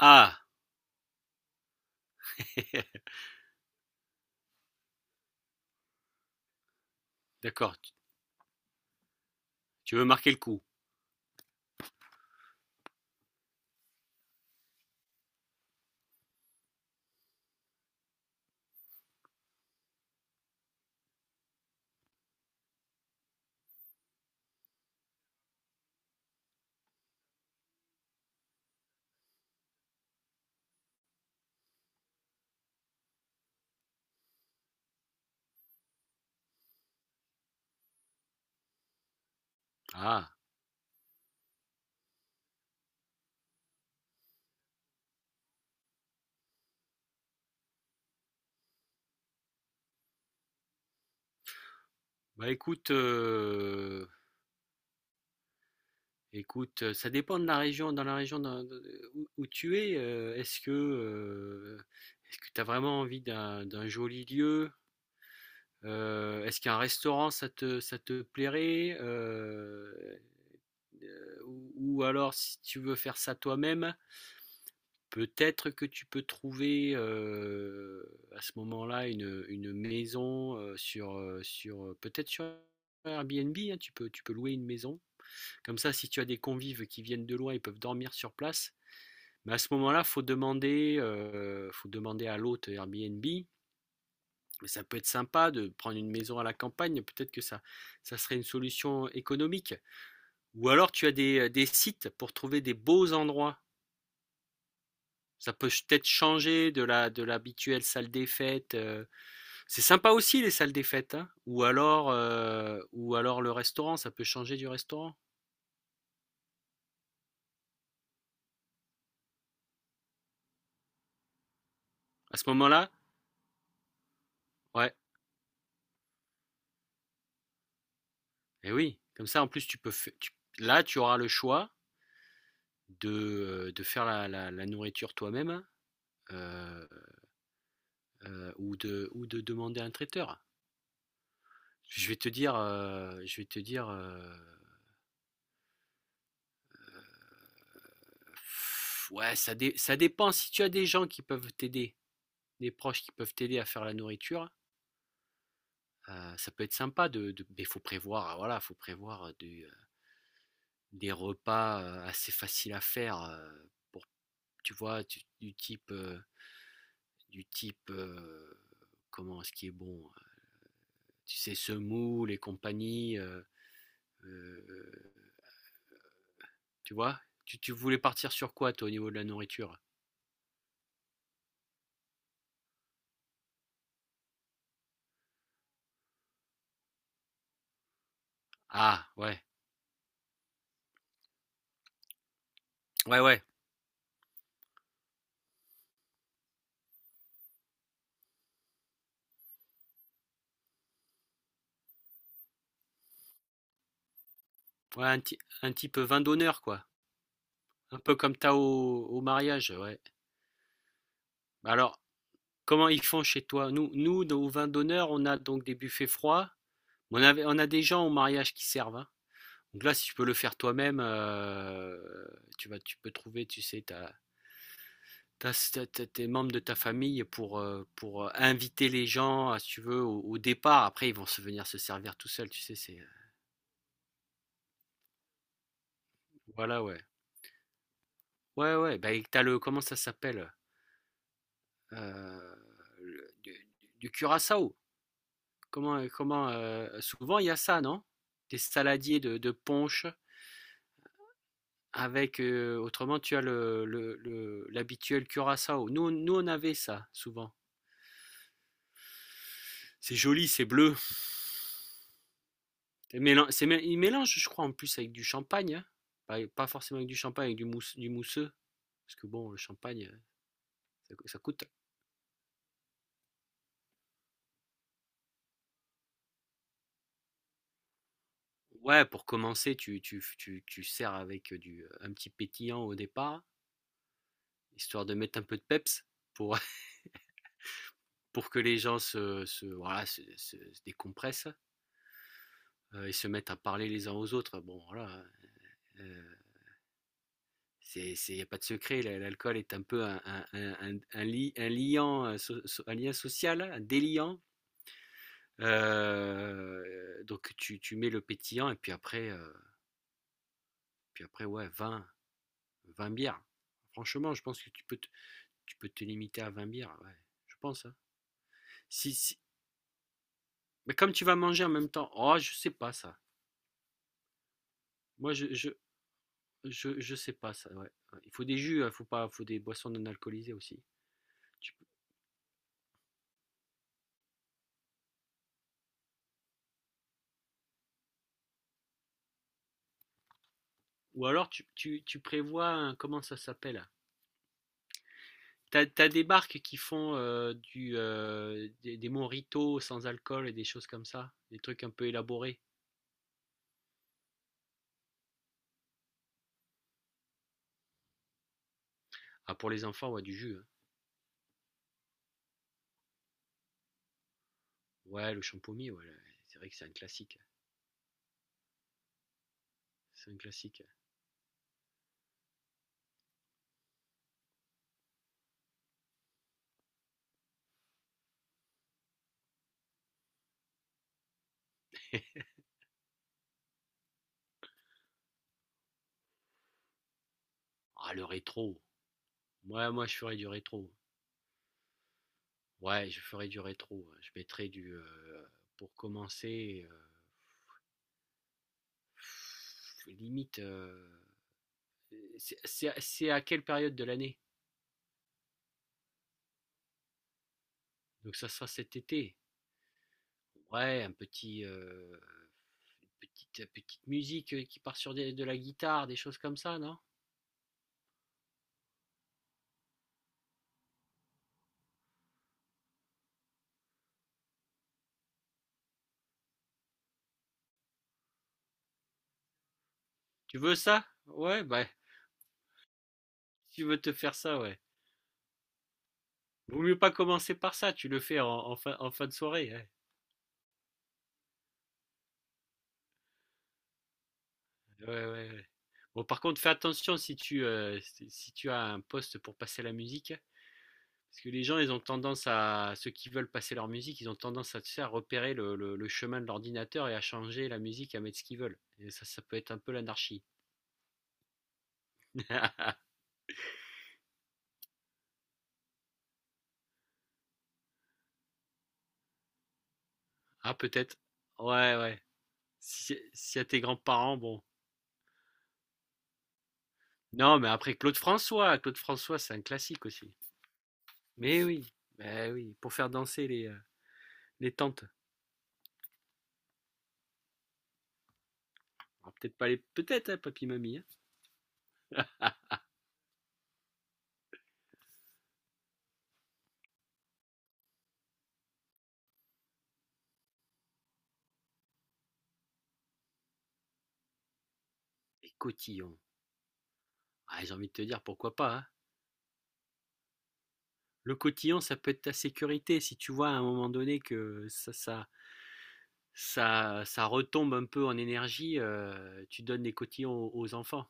Ah! D'accord, tu veux marquer le coup. Ah, bah écoute, ça dépend de la région dans de où tu es, est-ce que tu as vraiment envie d'un joli lieu? Est-ce qu'un restaurant ça te plairait? Ou alors si tu veux faire ça toi-même, peut-être que tu peux trouver, à ce moment-là une maison, peut-être sur Airbnb, hein, tu peux louer une maison. Comme ça, si tu as des convives qui viennent de loin, ils peuvent dormir sur place. Mais à ce moment-là, faut demander à l'hôte Airbnb. Mais ça peut être sympa de prendre une maison à la campagne, peut-être que ça serait une solution économique. Ou alors tu as des sites pour trouver des beaux endroits. Ça peut peut-être changer de la de l'habituelle salle des fêtes. C'est sympa aussi les salles des fêtes, hein. Ou alors le restaurant, ça peut changer du restaurant. À ce moment-là, ouais. Et oui, comme ça en plus tu peux fa- tu- là tu auras le choix de, de faire la nourriture toi-même hein, euh, ou de demander à un traiteur. Je vais te dire ouais, ça dépend si tu as des gens qui peuvent t'aider, des proches qui peuvent t'aider à faire la nourriture. Ça peut être sympa mais il faut prévoir, voilà, faut prévoir des repas assez faciles à faire pour, tu vois, du type, du type, euh, comment ce qui est bon, tu sais, semoule et compagnie, euh, tu vois, tu voulais partir sur quoi, toi, au niveau de la nourriture? Ah, ouais, ouais, ouais, ouais, un type vin d'honneur, quoi, un peu comme t'as au mariage, ouais. Bah alors, comment ils font chez toi? Nous, nous, au vin d'honneur, on a donc des buffets froids. On a des gens au mariage qui servent. Hein. Donc là, si tu peux le faire toi-même, tu peux trouver, tu sais, tes membres de ta famille pour, inviter les gens, si tu veux, au départ. Après, ils vont se venir se servir tout seuls, tu sais. Voilà, ouais. Ouais, ouais. Bah, et t'as le, comment ça s'appelle. Euh, le- du, du curaçao. Comment, comment souvent il y a ça, non? Des saladiers de punch. Avec, autrement, tu as l'habituel curaçao. Nous, nous, on avait ça, souvent. C'est joli, c'est bleu. Et il mélange, je crois, en plus avec du champagne. Hein. Pas, pas forcément avec du champagne, avec du mousseux. Parce que bon, le champagne, ça, ça coûte. Ouais, pour commencer, tu sers avec un petit pétillant au départ, histoire de mettre un peu de peps pour, pour que les gens voilà, se décompressent et se mettent à parler les uns aux autres. Bon, voilà. Hein. Euh, il n'y a pas de secret, l'alcool est un peu un liant, un lien social, un déliant. Euh, donc tu mets le pétillant et puis après, ouais, vingt bières. Franchement, je pense que tu peux te limiter à 20 bières, ouais, je pense. Hein. Si, si- Mais comme tu vas manger en même temps, oh, je sais pas ça. Moi, je sais pas ça, ouais. Ouais, il faut des jus, il faut pas, faut des boissons non alcoolisées aussi. Tu- Ou alors tu prévois, un- comment ça s'appelle? T'as des barques qui font des mojitos sans alcool et des choses comme ça, des trucs un peu élaborés. Ah, pour les enfants, ouais, du jus. Hein. Ouais, le champomy, ouais, c'est vrai que c'est un classique. C'est un classique. Ah, le rétro. Ouais, moi, je ferais du rétro. Ouais, je ferais du rétro, ouais. Je mettrais du. Pour commencer, limite. C'est à quelle période de l'année? Donc, ça sera cet été. Ouais, petite musique qui part sur de la guitare, des choses comme ça, non? Tu veux ça? Ouais, bah, si tu veux te faire ça, ouais. Vaut mieux pas commencer par ça, tu le fais en fin de soirée. Ouais. Ouais, ouais, ouais. Bon, par contre, fais attention si tu as un poste pour passer la musique. Parce que les gens, ils ont tendance à, ceux qui veulent passer leur musique, ils ont tendance à, tu sais, à repérer le chemin de l'ordinateur et à changer la musique, à mettre ce qu'ils veulent. Et ça peut être un peu l'anarchie. Ah, peut-être. Ouais, ouais. Si, si à tes grands-parents, bon. Non, mais après Claude François, Claude François, c'est un classique aussi. Mais oui, pour faire danser les tantes. Alors, peut-être pas les, peut-être hein, papy mamie. Hein. Les cotillons. Ah, j'ai envie de te dire pourquoi pas. Hein. Le cotillon, ça peut être ta sécurité si tu vois à un moment donné que ça retombe un peu en énergie. Tu donnes des cotillons aux enfants.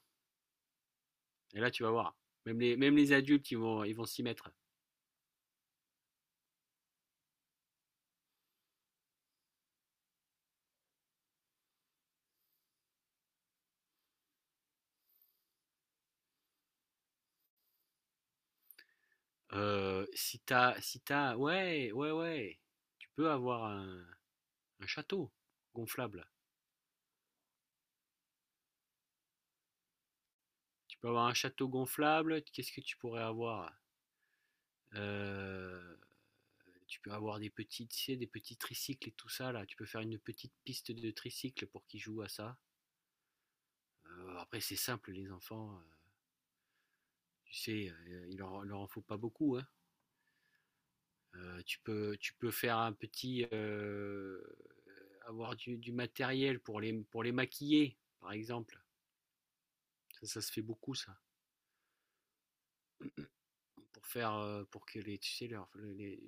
Et là, tu vas voir. Même les adultes, ils vont s'y mettre. Si t'as, si t'as, ouais, ouais, ouais, tu peux avoir un château gonflable. Tu peux avoir un château gonflable. Qu'est-ce que tu pourrais avoir? Euh, Tu peux avoir des petits, tu sais, des petits tricycles et tout ça là. Tu peux faire une petite piste de tricycle pour qu'ils jouent à ça. Après, c'est simple, les enfants. Tu sais, leur en faut pas beaucoup. Hein. Tu peux faire avoir du matériel pour les maquiller, par exemple. Ça se fait beaucoup ça. Pour que les, tu sais, les,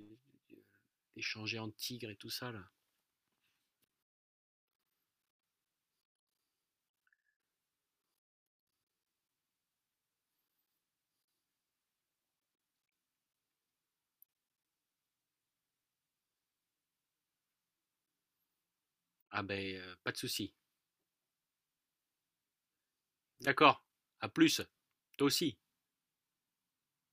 échanger en tigre et tout ça là. Ah ben, pas de souci. D'accord. À plus. Toi aussi.